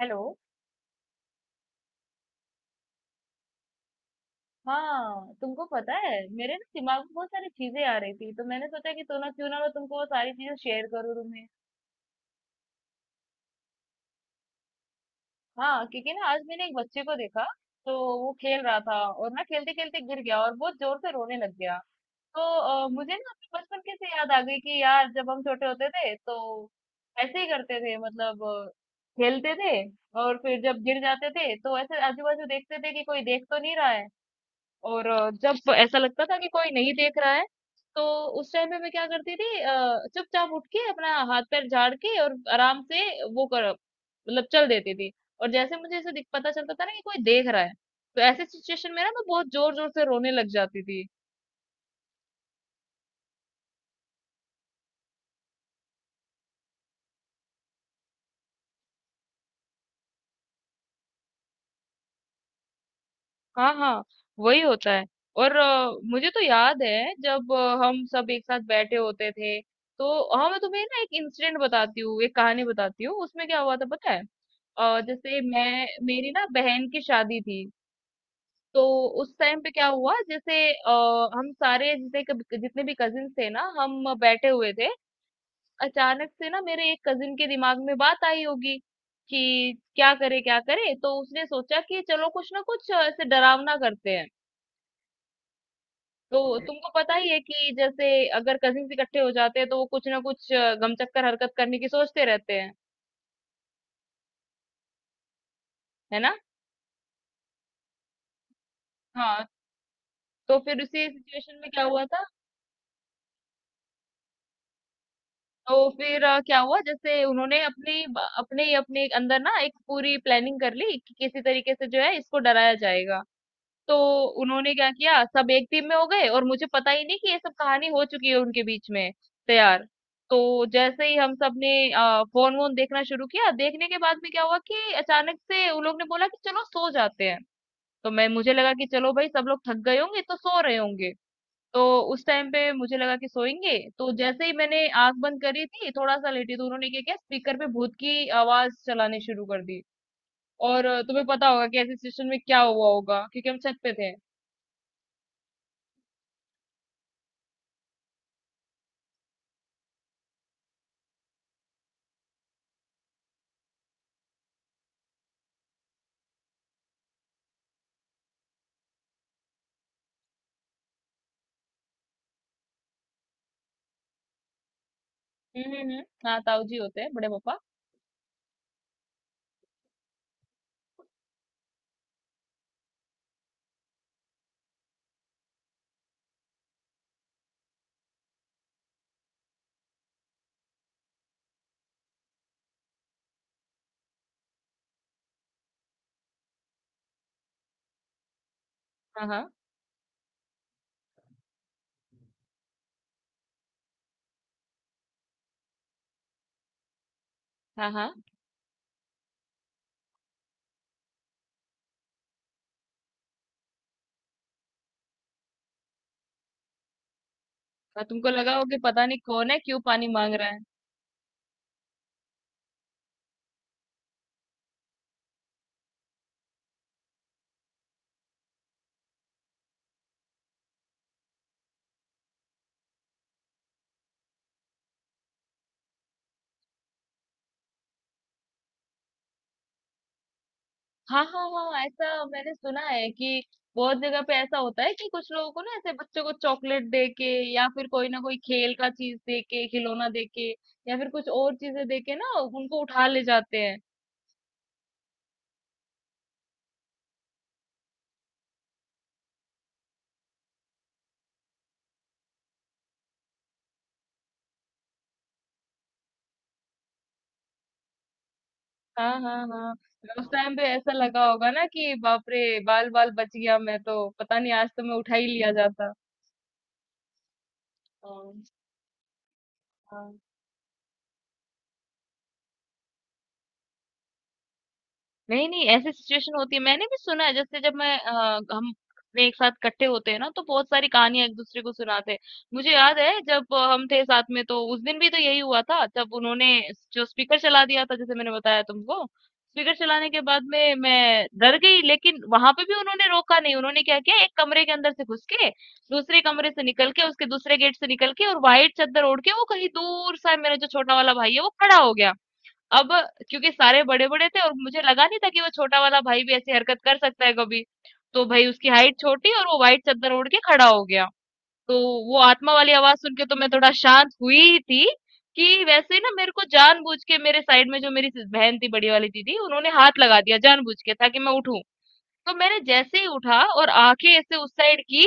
Hello. हाँ, तुमको पता है, मेरे ना दिमाग में बहुत सारी चीजें आ रही थी, तो मैंने सोचा कि तो ना क्यों ना मैं तुमको वो सारी चीजें शेयर करूँ तुम्हें। हाँ, क्योंकि ना आज मैंने एक बच्चे को देखा। तो वो खेल रहा था और ना खेलते खेलते गिर गया और बहुत जोर से रोने लग गया। तो मुझे ना अपने बचपन की से याद आ गई कि यार जब हम छोटे होते थे, तो ऐसे ही करते थे। मतलब खेलते थे। और फिर जब गिर जाते थे, तो ऐसे आजू बाजू देखते थे कि कोई देख तो नहीं रहा है। और जब ऐसा लगता था कि कोई नहीं देख रहा है, तो उस टाइम पे मैं क्या करती थी, चुपचाप उठ के अपना हाथ पैर झाड़ के और आराम से वो कर मतलब चल देती थी। और जैसे मुझे ऐसे दिख पता चलता था ना कि कोई देख रहा है, तो ऐसे सिचुएशन में ना मैं बहुत जोर जोर से रोने लग जाती थी। हाँ हाँ, वही होता है। और मुझे तो याद है, जब हम सब एक साथ बैठे होते थे। तो हाँ, मैं तुम्हें ना एक इंसिडेंट बताती हूँ, एक कहानी बताती हूँ, उसमें क्या हुआ था पता है। जैसे मैं मेरी ना बहन की शादी थी। तो उस टाइम पे क्या हुआ, जैसे हम सारे जैसे जितने भी कजिन थे ना, हम बैठे हुए थे। अचानक से ना मेरे एक कजिन के दिमाग में बात आई होगी कि क्या करे क्या करे, तो उसने सोचा कि चलो कुछ ना कुछ ऐसे डरावना करते हैं। तो तुमको पता ही है कि जैसे अगर कजिन इकट्ठे हो जाते हैं, तो वो कुछ ना कुछ गमचक्कर हरकत करने की सोचते रहते हैं, है ना। हाँ। तो फिर उसी सिचुएशन में क्या हुआ था। तो फिर क्या हुआ, जैसे उन्होंने अपने ही अपने अंदर ना एक पूरी प्लानिंग कर ली कि किसी तरीके से जो है इसको डराया जाएगा। तो उन्होंने क्या किया, सब एक टीम में हो गए और मुझे पता ही नहीं कि ये सब कहानी हो चुकी है उनके बीच में, तैयार। तो जैसे ही हम सब ने फोन वोन देखना शुरू किया, देखने के बाद में क्या हुआ कि अचानक से उन लोग ने बोला कि चलो सो जाते हैं। तो मैं मुझे लगा कि चलो भाई, सब लोग थक गए होंगे, तो सो रहे होंगे। तो उस टाइम पे मुझे लगा कि सोएंगे, तो जैसे ही मैंने आंख बंद करी थी, थोड़ा सा लेटी, तो उन्होंने क्या किया, स्पीकर पे भूत की आवाज चलाने शुरू कर दी। और तुम्हें पता होगा कि ऐसी सिचुएशन में क्या हुआ होगा, क्योंकि हम छत पे थे। हम्म, हाँ, ताऊ जी होते हैं, बड़े पापा। हाँ हाँ हाँ। हाँ हाँ, तुमको लगा हो कि पता नहीं कौन है, क्यों पानी मांग रहा है। हाँ हाँ हाँ, ऐसा मैंने सुना है कि बहुत जगह पे ऐसा होता है कि कुछ लोगों को ना ऐसे बच्चों को चॉकलेट दे के, या फिर कोई ना कोई खेल का चीज दे के, खिलौना दे के, या फिर कुछ और चीजें दे के ना उनको उठा ले जाते हैं। हाँ हाँ हाँ, उस टाइम पे ऐसा लगा होगा ना कि बाप रे, बाल बाल बच गया, मैं तो पता नहीं, आज तो मैं उठा ही लिया जाता। हाँ हाँ। नहीं, नहीं, ऐसी सिचुएशन होती है, मैंने भी सुना है। जैसे जब मैं हम अपने एक साथ इकट्ठे होते हैं ना, तो बहुत सारी कहानियां एक दूसरे को सुनाते हैं। मुझे याद है जब हम थे साथ में, तो उस दिन भी तो यही हुआ था, जब उन्होंने जो स्पीकर चला दिया था, जैसे मैंने बताया तुमको। स्पीकर चलाने के बाद में मैं डर गई, लेकिन वहां पे भी उन्होंने रोका नहीं। उन्होंने क्या किया, एक कमरे के अंदर से घुस के, दूसरे कमरे से निकल के, उसके दूसरे गेट से निकल के, और वाइट चादर ओढ़ के, वो कहीं दूर सा मेरा जो छोटा वाला भाई है, वो खड़ा हो गया। अब क्योंकि सारे बड़े बड़े थे और मुझे लगा नहीं था कि वो छोटा वाला भाई भी ऐसी हरकत कर सकता है कभी। तो भाई उसकी हाइट छोटी, और वो व्हाइट चादर ओढ़ के खड़ा हो गया। तो वो आत्मा वाली आवाज सुन के तो मैं थोड़ा शांत हुई थी, कि वैसे ना मेरे को जानबूझ के मेरे साइड में जो मेरी बहन थी, बड़ी वाली दीदी, उन्होंने हाथ लगा दिया जानबूझ के, ताकि मैं उठूं। तो मैंने जैसे ही उठा और आंखें ऐसे उस साइड की,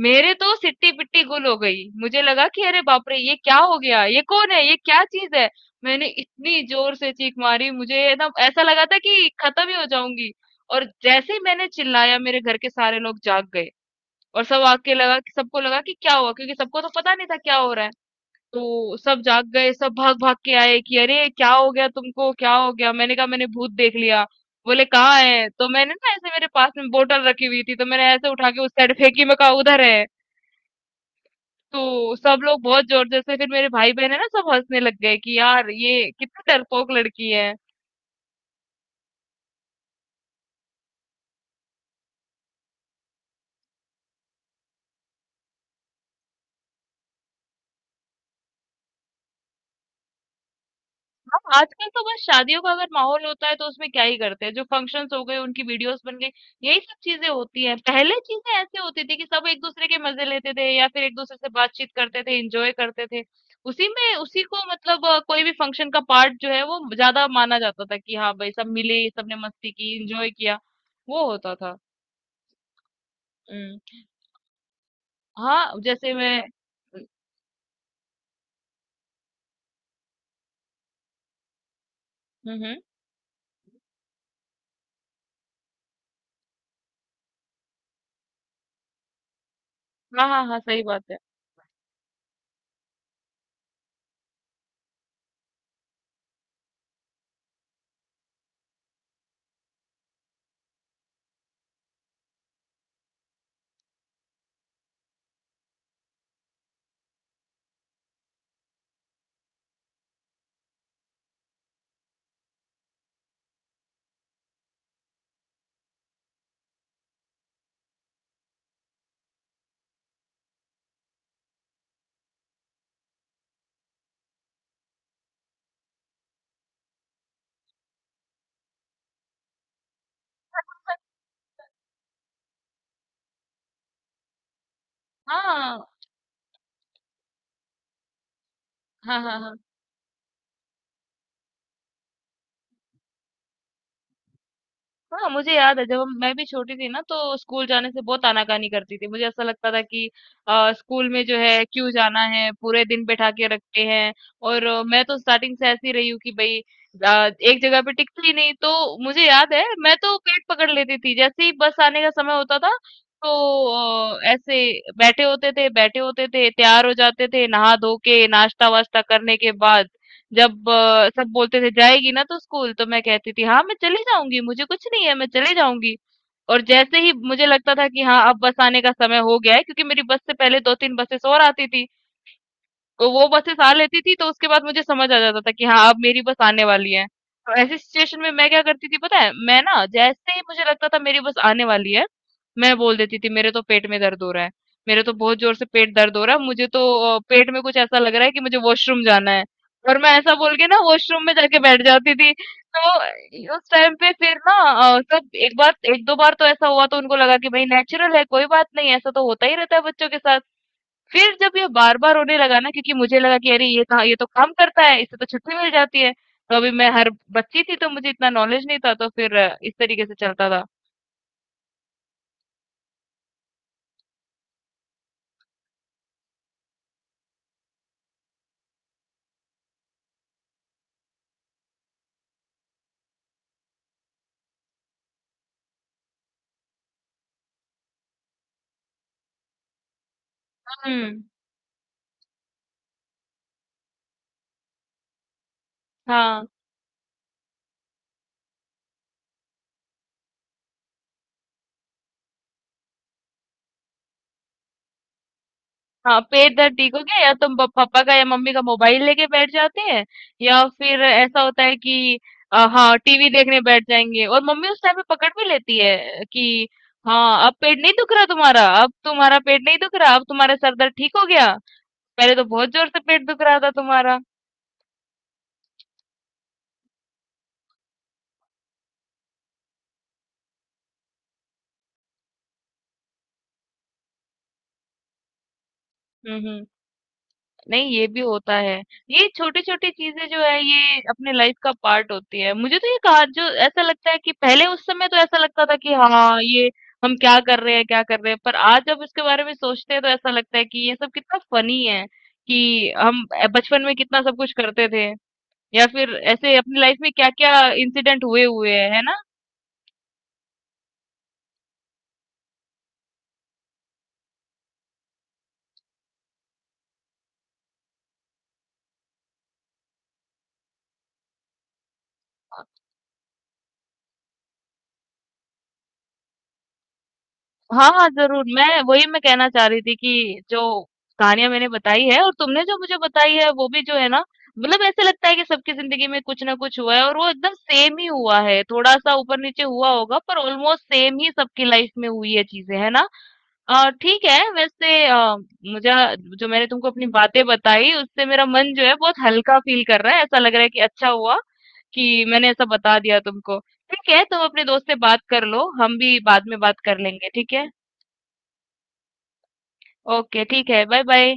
मेरे तो सिट्टी पिट्टी गुल हो गई। मुझे लगा कि अरे बाप रे, ये क्या हो गया, ये कौन है, ये क्या चीज है। मैंने इतनी जोर से चीख मारी, मुझे एकदम ऐसा लगा था कि खत्म ही हो जाऊंगी। और जैसे ही मैंने चिल्लाया, मेरे घर के सारे लोग जाग गए। और सब आके लगा कि सबको लगा कि क्या हुआ, क्योंकि सबको तो पता नहीं था क्या हो रहा है। तो सब जाग गए, सब भाग भाग के आए कि अरे क्या हो गया, तुमको क्या हो गया। मैंने कहा, मैंने भूत देख लिया। बोले कहाँ है। तो मैंने ना ऐसे मेरे पास में बोतल रखी हुई थी, तो मैंने ऐसे उठा के उस साइड फेंकी, मैं कहा उधर है। तो सब लोग बहुत जोर जोर से, फिर मेरे भाई बहन है ना, सब हंसने लग गए कि यार ये कितनी डरपोक लड़की है। हाँ, आजकल तो बस शादियों का अगर माहौल होता है, तो उसमें क्या ही करते हैं, जो फंक्शंस हो गए उनकी वीडियोस बन गई, यही सब चीजें होती हैं। पहले चीजें ऐसे होती थी कि सब एक दूसरे के मजे लेते थे, या फिर एक दूसरे से बातचीत करते थे, एंजॉय करते थे। उसी में उसी को मतलब कोई भी फंक्शन का पार्ट जो है वो ज्यादा माना जाता था, कि हाँ भाई, सब मिले, सबने मस्ती की, एंजॉय किया, वो होता था। हम्म। हाँ, जैसे मैं, हम्म। हाँ हाँ हाँ, सही बात है। हाँ हाँ हाँ। हाँ हाँ, मुझे याद है, जब मैं भी छोटी थी ना, तो स्कूल जाने से बहुत आनाकानी करती थी। मुझे ऐसा लगता था कि स्कूल में जो है क्यों जाना है, पूरे दिन बैठा के रखते हैं। और मैं तो स्टार्टिंग से ऐसी रही हूँ कि भाई एक जगह पे टिकती ही नहीं। तो मुझे याद है, मैं तो पेट पकड़ लेती थी जैसे ही बस आने का समय होता था। तो ऐसे बैठे होते थे बैठे होते थे, तैयार हो जाते थे, नहा धो के नाश्ता वास्ता करने के बाद, जब सब बोलते थे जाएगी ना तो स्कूल, तो मैं कहती थी हाँ मैं चली जाऊंगी, मुझे कुछ नहीं है, मैं चली जाऊंगी। और जैसे ही मुझे लगता था कि हाँ अब बस आने का समय हो गया है, क्योंकि मेरी बस से पहले दो तीन बसेस और आती थी, तो वो बसेस आ लेती थी, तो उसके बाद मुझे समझ आ जाता था कि हाँ अब मेरी बस आने वाली है। तो ऐसी सिचुएशन में मैं क्या करती थी पता है, मैं ना जैसे ही मुझे लगता था मेरी बस आने वाली है, मैं बोल देती थी, मेरे तो पेट में दर्द हो रहा है, मेरे तो बहुत जोर से पेट दर्द हो रहा है, मुझे तो पेट में कुछ ऐसा लग रहा है कि मुझे वॉशरूम जाना है। और मैं ऐसा बोल के ना वॉशरूम में जाके बैठ जाती थी। तो उस टाइम पे फिर ना सब एक बार एक दो बार तो ऐसा हुआ, तो उनको लगा कि भाई नेचुरल है, कोई बात नहीं, ऐसा तो होता ही रहता है बच्चों के साथ। फिर जब ये बार-बार रोने लगा ना, क्योंकि मुझे लगा कि अरे ये कहाँ, ये तो काम करता है, इससे तो छुट्टी मिल जाती है। तो अभी मैं हर बच्ची थी, तो मुझे इतना नॉलेज नहीं था, तो फिर इस तरीके से चलता था। हुँ। हाँ, हाँ, पेट दर्द ठीक हो गया, या तुम तो प पापा का या मम्मी का मोबाइल लेके बैठ जाते हैं, या फिर ऐसा होता है कि हाँ, टीवी देखने बैठ जाएँगे। और मम्मी उस टाइम पे पकड़ भी लेती है कि हाँ, अब पेट नहीं दुख रहा तुम्हारा, अब तुम्हारा पेट नहीं दुख रहा, अब तुम्हारा सर दर्द ठीक हो गया। पहले तो बहुत ज़ोर से पेट दुख रहा था तुम्हारा। हुँ, हुँ। नहीं, ये भी होता है। ये छोटी छोटी चीजें जो है ये अपने लाइफ का पार्ट होती है। मुझे तो ये कहा जो ऐसा लगता है कि पहले उस समय तो ऐसा लगता था कि हाँ ये हम क्या कर रहे हैं क्या कर रहे हैं, पर आज जब इसके बारे में सोचते हैं तो ऐसा लगता है कि ये सब कितना फनी है, कि हम बचपन में कितना सब कुछ करते थे, या फिर ऐसे अपनी लाइफ में क्या क्या इंसिडेंट हुए हुए हैं, है ना। हाँ, हाँ, ज़रूर। मैं कहना चाह रही थी कि जो कहानियाँ मैंने बताई है और तुमने जो मुझे बताई है वो भी जो है ना, मतलब ऐसे लगता है कि सबकी ज़िंदगी में कुछ ना कुछ हुआ है और वो एकदम सेम ही हुआ है। थोड़ा-सा ऊपर-नीचे हुआ होगा पर ऑलमोस्ट सेम ही सबकी लाइफ़ में हुई है चीज़ें, है ना? ठीक है, वैसे मुझे जो मैंने तुमको अपनी बातें बताई, उससे मेरा मन जो है बहुत हल्का फ़ील कर रहा है। ऐसा लग रहा है कि अच्छा हुआ कि मैंने ऐसा बता दिया तुमको। ठीक है, तुम अपने दोस्त से बात कर लो, हम भी बाद में बात कर लेंगे, ठीक है? ओके, ठीक है, बाय बाय।